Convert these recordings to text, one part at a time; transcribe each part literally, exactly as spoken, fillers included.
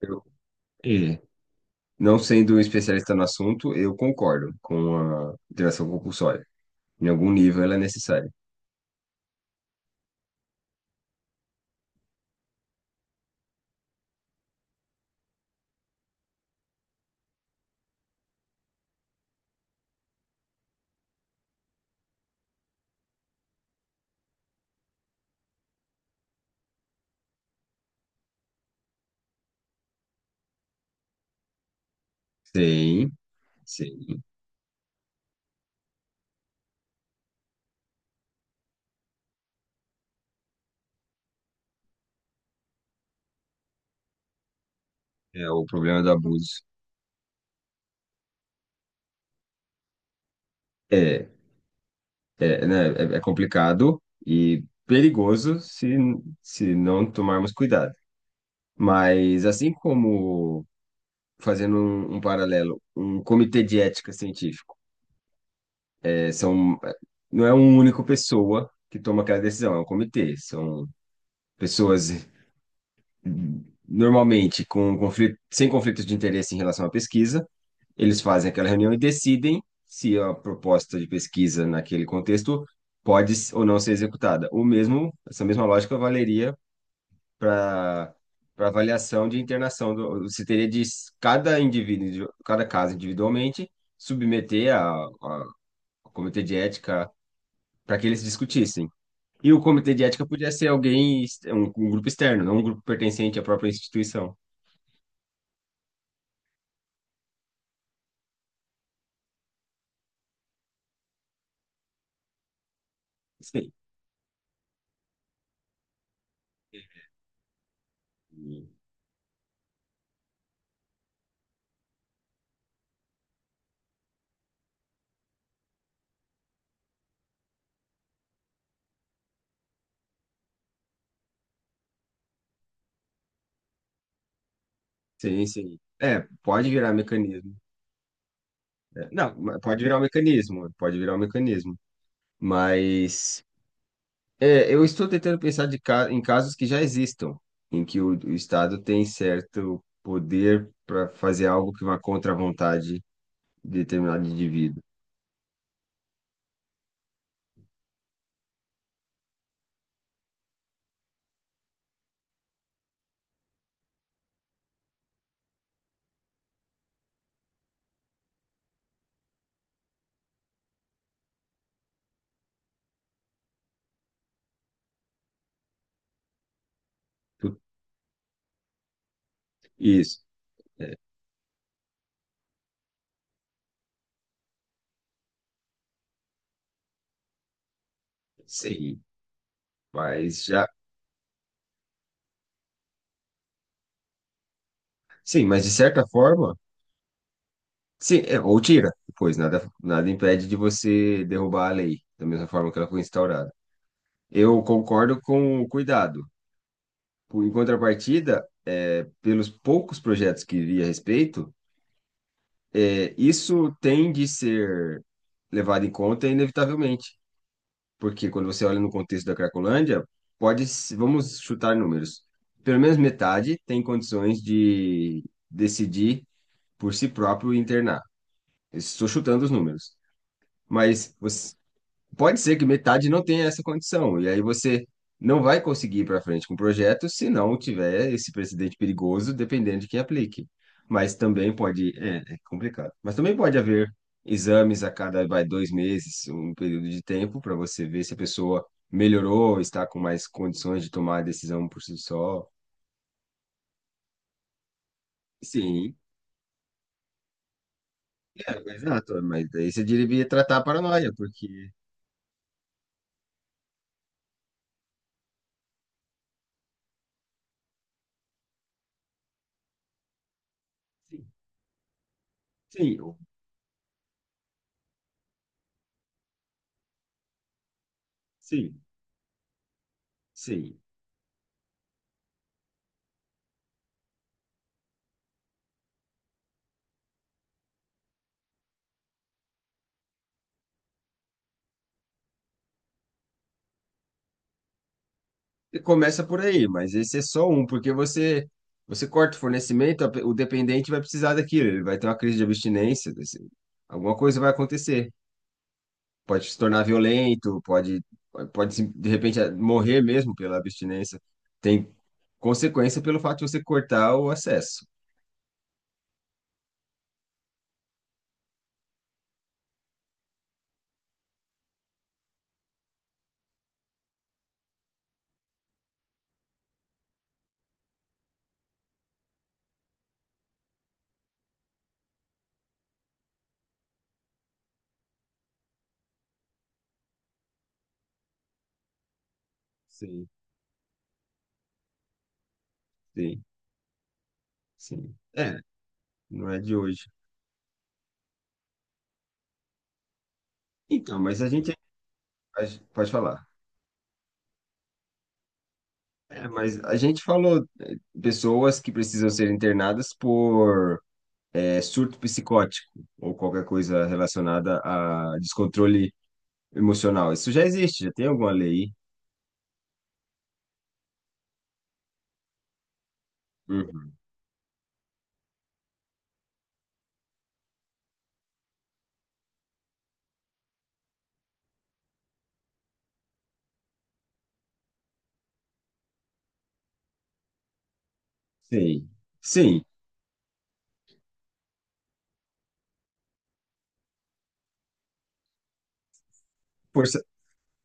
Eu- e, não sendo um especialista no assunto, eu concordo com a interação compulsória. Em algum nível ela é necessária. Sim, sim. É, o problema do abuso é, é, né, é, é complicado e perigoso se, se não tomarmos cuidado. Mas assim como, fazendo um, um paralelo, um comitê de ética científico, é, são, é, não é uma única pessoa que toma aquela decisão, é um comitê, são pessoas normalmente com conflito, sem conflitos de interesse em relação à pesquisa, eles fazem aquela reunião e decidem se a proposta de pesquisa naquele contexto pode s- ou não ser executada. O mesmo, essa mesma lógica valeria para para avaliação de internação do, você teria de s- cada indivíduo, cada caso individualmente, submeter a, a- ao comitê de ética para que eles discutissem. E o comitê de ética podia ser alguém, ex- um, um grupo externo, não um grupo pertencente à própria instituição. Sim, sim. É, pode virar mecanismo. É, não, mas pode virar um mecanismo, pode virar um mecanismo. Mas é, eu estou tentando pensar de ca- em casos que já existam, em que o, o Estado tem certo poder para fazer algo que vá contra a vontade de determinado indivíduo. Tu- Isso. É, sim, mas já. Sim, mas de certa forma. Sim, é, ou tira, pois nada, nada impede de você derrubar a lei, da mesma forma que ela foi instaurada. Eu concordo com o cuidado. Por- Em contrapartida, é, pelos poucos projetos que vi a respeito, é, isso tem de ser levado em conta inevitavelmente, porque quando você olha no contexto da Cracolândia, pode, se- vamos chutar números, pelo menos metade tem condições de decidir por si próprio e internar. Estou chutando os números, mas você pode ser que metade não tenha essa condição, e aí você não vai conseguir ir para frente com o projeto se não tiver esse precedente perigoso, dependendo de quem aplique. Mas também pode, é, é complicado. Mas também pode haver exames a cada, vai, dois meses, um período de tempo, para você ver se a pessoa melhorou, está com mais condições de tomar a decisão por si só. Sim, é, exato, mas daí você deveria tratar a paranoia, porque. Sim, sim, sim, sim. Começa por aí, mas esse é só um, porque você você corta o fornecimento, a pe- o dependente vai precisar daquilo, ele vai ter uma crise de abstinência, desse- alguma coisa vai acontecer. Pode se tornar violento, pode pode se- de repente eh, morrer mesmo pela abstinência. Tem consequência pelo fato de você cortar o acesso. Sim, sim, sim. É, não é de hoje. Então, mas a gente a gen- pode falar. É, mas a gente falou eh, pessoas que precisam ser internadas por é, surto psicótico ou qualquer coisa relacionada a descontrole emocional. Isso já existe, já tem alguma lei. Uhum. Sim. Sim, força,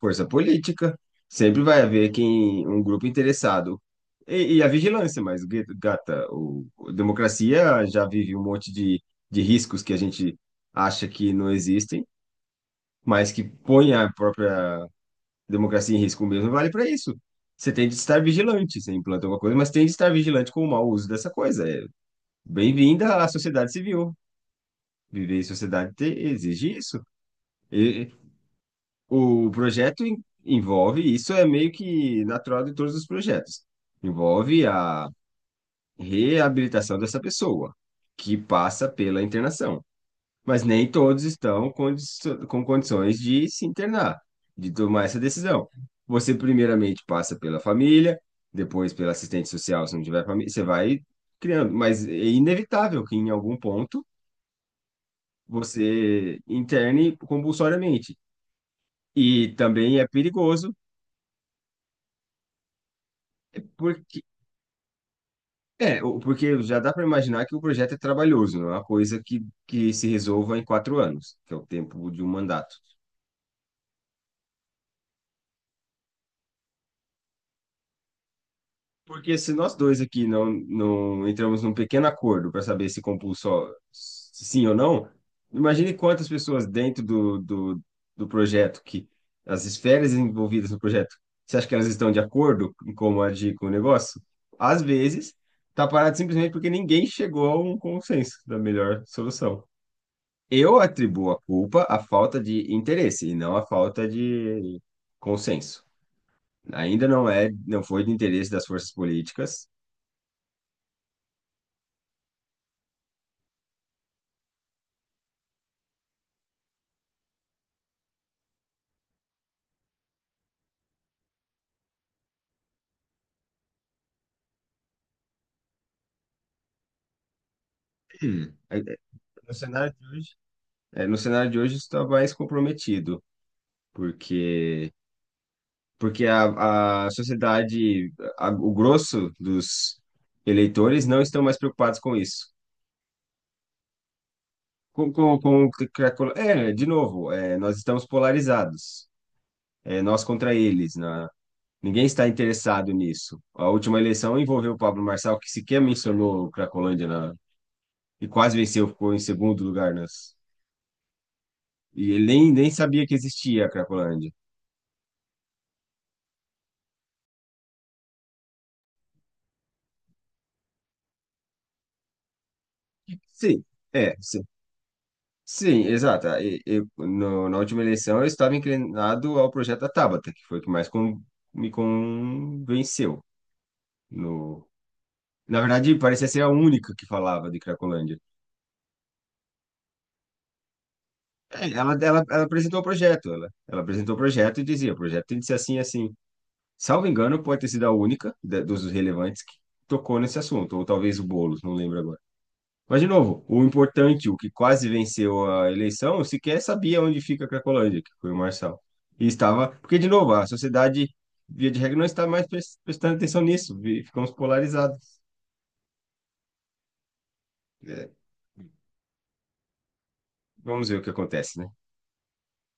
força política. Sempre vai haver quem, um grupo interessado. E, e a vigilância, mas, gu- gata, o, a democracia já vive um monte de, de riscos que a gente acha que não existem, mas que põe a própria democracia em risco mesmo vale para isso. Você tem de estar vigilante, você implanta alguma coisa, mas tem de estar vigilante com o mau uso dessa coisa. É bem-vinda à sociedade civil. Viver em sociedade te- exige isso. E o projeto en- envolve, isso é meio que natural de todos os projetos, envolve a reabilitação dessa pessoa, que passa pela internação. Mas nem todos estão condi- com condições de se internar, de tomar essa decisão. Você primeiramente passa pela família, depois pela assistente social, se não tiver família, você vai criando, mas é inevitável que em algum ponto você interne compulsoriamente. E também é perigoso, é porque é, o- porque já dá para imaginar que o projeto é trabalhoso, não é uma coisa que, que se resolva em quatro anos, que é o tempo de um mandato. Porque se nós dois aqui não, não entramos num pequeno acordo para saber se compulsó sim ou não, imagine quantas pessoas dentro do, do, do projeto, que as esferas envolvidas no projeto, você acha que elas estão de acordo em como agir com o negócio? Às vezes, está parado simplesmente porque ninguém chegou a um consenso da melhor solução. Eu atribuo a culpa à falta de interesse e não à falta de consenso. Ainda não é, não foi de interesse das forças políticas. Hum, é- No cenário de hoje, é, no cenário de hoje está mais comprometido, porque porque a, a sociedade, a- o grosso dos eleitores não estão mais preocupados com isso. Com, com, com, o que- que a colo- é, de novo, é, nós estamos polarizados, é, nós contra eles, na- ninguém está interessado nisso. A última eleição envolveu o Pablo Marçal, que sequer mencionou Cracolândia na- e quase venceu, ficou em segundo lugar nas, e ele nem, nem sabia que existia a Cracolândia. Sim, é, sim. Sim, exato. E- Eu, no- na última eleição eu estava inclinado ao projeto da Tabata, que foi o que mais con- me convenceu. No, na verdade, parecia ser a única que falava de Cracolândia. É, Ela, ela, ela apresentou o projeto, ela, ela apresentou o projeto e dizia, o projeto tem de ser assim, assim. Salvo engano, pode ter sido a única da- dos relevantes que tocou nesse assunto, ou talvez o Boulos, não lembro agora. Mas, de novo, o importante, o que quase venceu a eleição, sequer sabia onde fica a Cracolândia, que foi o Marçal. E estava. Porque, de novo, a sociedade, via de regra, não está mais pres- prestando atenção nisso. vi- Ficamos polarizados. É, vamos ver o que acontece, né?